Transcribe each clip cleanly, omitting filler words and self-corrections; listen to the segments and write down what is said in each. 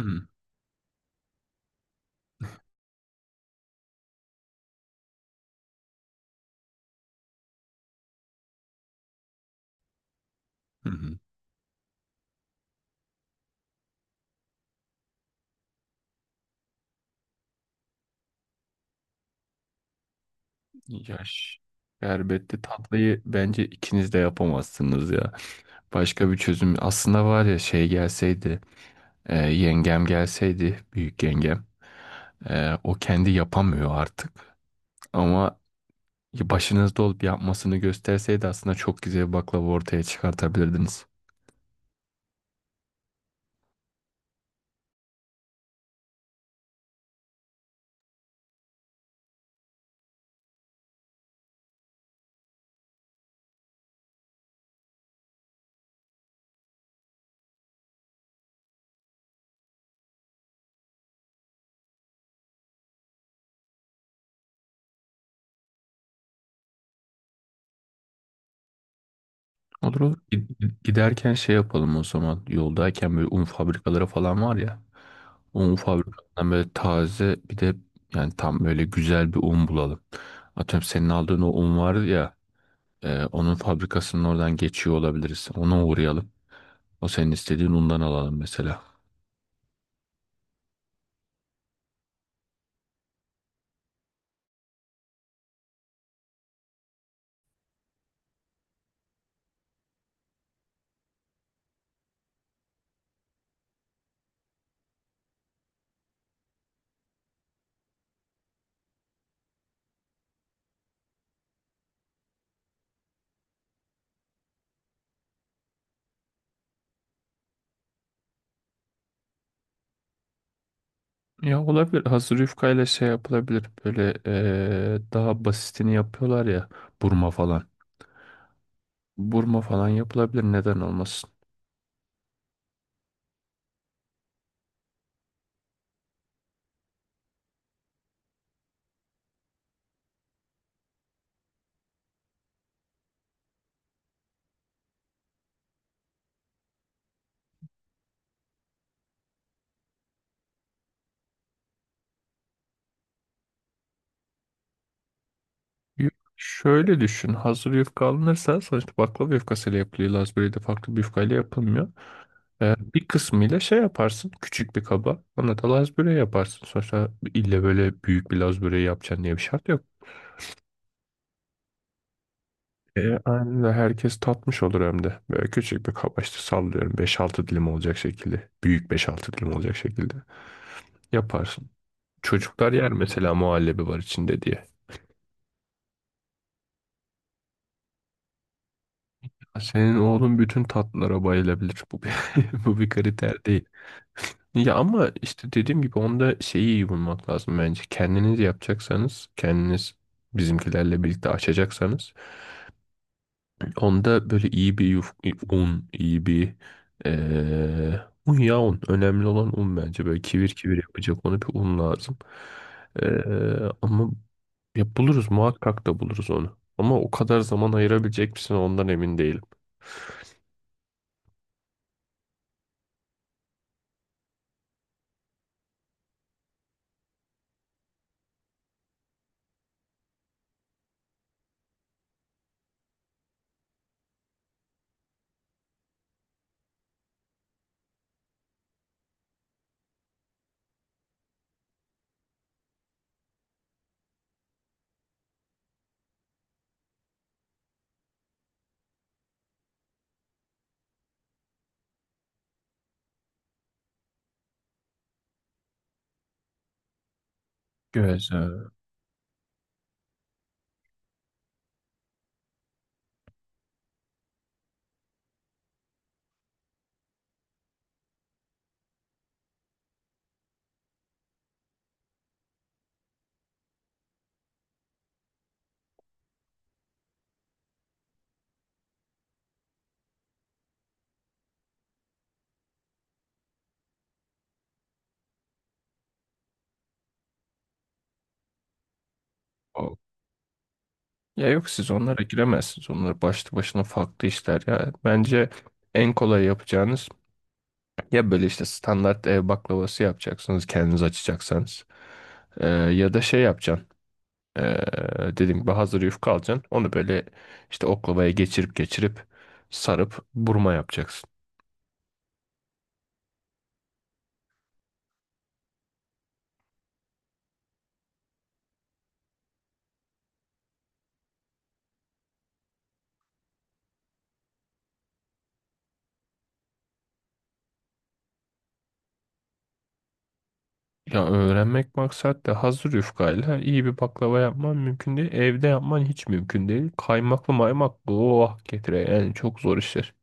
Hı hı hı. Yaş. Şerbetli tatlıyı bence ikiniz de yapamazsınız ya. Başka bir çözüm aslında var ya şey gelseydi yengem gelseydi büyük yengem o kendi yapamıyor artık ama başınızda olup yapmasını gösterseydi aslında çok güzel bir baklava ortaya çıkartabilirdiniz. Olur olur. Giderken şey yapalım o zaman. Yoldayken böyle un fabrikaları falan var ya. Un fabrikalarından böyle taze bir de yani tam böyle güzel bir un bulalım. Atıyorum senin aldığın o un var ya. Onun fabrikasının oradan geçiyor olabiliriz. Ona uğrayalım. O senin istediğin undan alalım mesela. Ya olabilir. Hazır yufkayla şey yapılabilir. Böyle daha basitini yapıyorlar ya. Burma falan. Burma falan yapılabilir. Neden olmasın? Yuf- Şöyle düşün. Hazır yufka alınırsa sonuçta baklava yufkasıyla yapılıyor. Lazburi de farklı bir yufkayla yapılmıyor. Bir kısmıyla şey yaparsın. Küçük bir kaba. Ona da lazburi yaparsın. Sonuçta ille böyle büyük bir lazburi yapacaksın diye bir şart yok. Aynen öyle. Herkes tatmış olur hem de. Böyle küçük bir kaba işte sallıyorum. Beş-altı dilim olacak şekilde. Büyük beş-altı dilim olacak şekilde yaparsın. Çocuklar yer mesela muhallebi var içinde diye. Senin oğlun bütün tatlılara bayılabilir. Bu bir, bu bir kriter. Ya ama işte dediğim gibi onda şeyi iyi bulmak lazım bence. Kendiniz yapacaksanız, kendiniz bizimkilerle birlikte açacaksanız onda böyle iyi bir un, iyi bir eee un ya un. Önemli olan un bence. Böyle kivir kivir yapacak onu bir un lazım. Ama ya buluruz muhakkak da buluruz onu. Ama o kadar zaman ayırabilecek misin ondan emin değilim. Güzel. Ya yok siz onlara giremezsiniz. Onlar başlı başına farklı işler ya. Bence en kolay yapacağınız ya böyle işte standart ev baklavası yapacaksınız kendiniz açacaksanız. Ya da şey yapacaksın. Ee, Dediğim gibi hazır yufka alacaksın. Onu böyle işte oklavaya geçirip geçirip sarıp burma yapacaksın. Ya öğrenmek maksat da hazır yufkayla iyi bir baklava yapman mümkün değil. Evde yapman hiç mümkün değil. Kaymaklı maymaklı oh getire yani çok zor işler.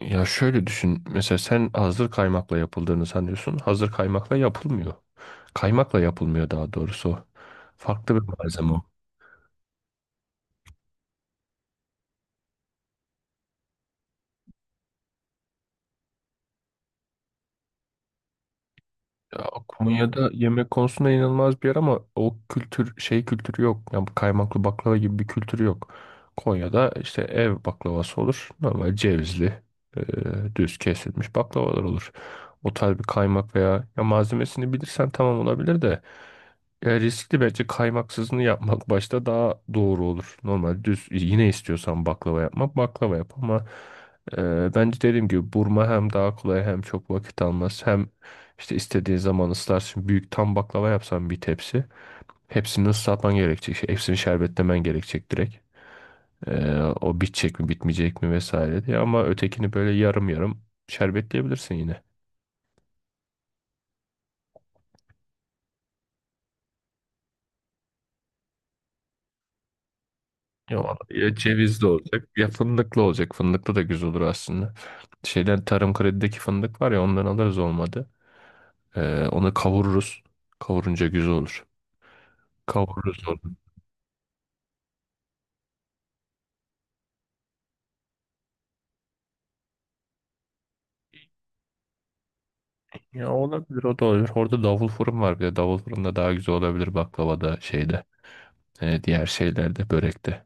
Ya şöyle düşün. Mesela sen hazır kaymakla yapıldığını sanıyorsun. Hazır kaymakla yapılmıyor. Kaymakla yapılmıyor daha doğrusu. Farklı bir malzeme o. Ya Konya'da yemek konusunda inanılmaz bir yer ama o kültür şey kültürü yok. Yani bu kaymaklı baklava gibi bir kültürü yok. Konya'da işte ev baklavası olur. Normal cevizli, e, düz kesilmiş baklavalar olur. O tarz bir kaymak veya ya malzemesini bilirsen tamam olabilir de ya riskli bence kaymaksızını yapmak başta daha doğru olur. Normal düz yine istiyorsan baklava yapmak baklava yap ama bence dediğim gibi burma hem daha kolay hem çok vakit almaz hem işte istediğin zaman ıslarsın. Büyük tam baklava yapsan bir tepsi. Hepsini ıslatman gerekecek. Hepsini şerbetlemen gerekecek direkt. Ee, O bitecek mi bitmeyecek mi vesaire diye. Ama ötekini böyle yarım yarım şerbetleyebilirsin yine. Ya, ya cevizli olacak ya fındıklı olacak. Fındıklı da güzel olur aslında. Şeyden tarım kredideki fındık var ya ondan alırız olmadı. Onu kavururuz. Kavurunca güzel olur. Kavururuz onu. Ya olabilir o da olabilir. Orada davul fırın var bir de. Davul fırında daha güzel olabilir baklavada şeyde. Diğer şeylerde, börekte.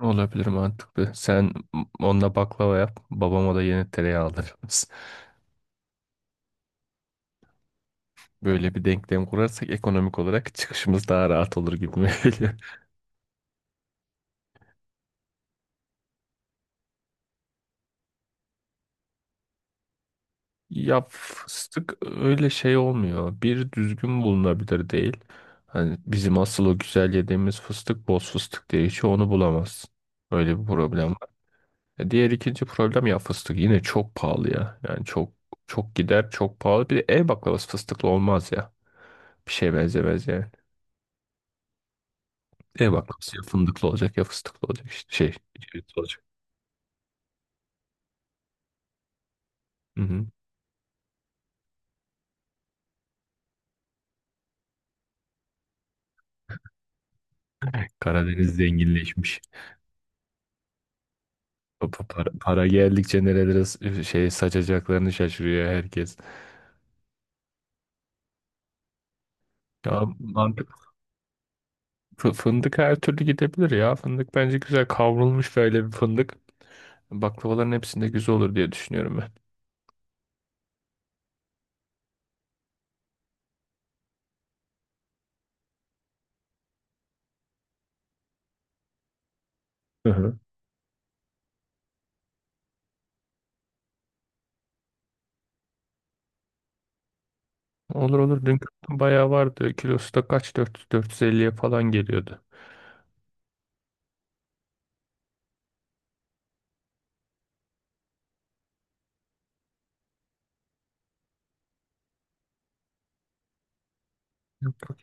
Olabilir mantıklı. Sen onunla baklava yap, babama da yeni tereyağı alırız. Böyle bir denklem kurarsak ekonomik olarak çıkışımız daha rahat olur gibi mi geliyor? Ya fıstık öyle şey olmuyor. Bir düzgün bulunabilir değil. Hani bizim asıl o güzel yediğimiz fıstık boz fıstık diye hiç onu bulamazsın. Öyle bir problem var. Diğer ikinci problem ya fıstık yine çok pahalı ya. Yani çok çok gider çok pahalı. Bir de ev baklavası fıstıklı olmaz ya. Bir şeye benzemez yani. Bak ya fındıklı olacak ya fıstıklı olacak işte şey cevizli olacak. Hı hı. Karadeniz zenginleşmiş. Para, para geldikçe nerelere saçacaklarını şaşırıyor herkes. Ya fındık her türlü gidebilir ya. Fındık bence güzel kavrulmuş böyle bir fındık. Baklavaların hepsinde güzel olur diye düşünüyorum ben. Hı hı. Olur olur dün bayağı vardı. Kilosu da kaç 400 450'ye falan geliyordu.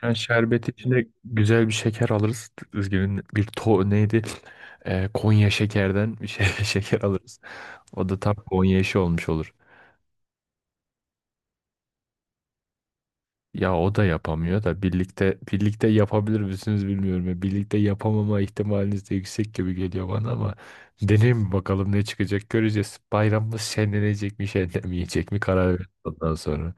Yani şerbet içinde güzel bir şeker alırız. Üzgünüm bir to neydi? Konya şekerden bir şey, şeker alırız. O da tam Konya işi olmuş olur. Ya o da yapamıyor da birlikte birlikte yapabilir misiniz bilmiyorum. Ya. Birlikte yapamama ihtimaliniz de yüksek gibi geliyor bana ama deneyim mi bakalım ne çıkacak göreceğiz. Bayramımız şenlenecek mi şenlenmeyecek mi karar veririz ondan sonra.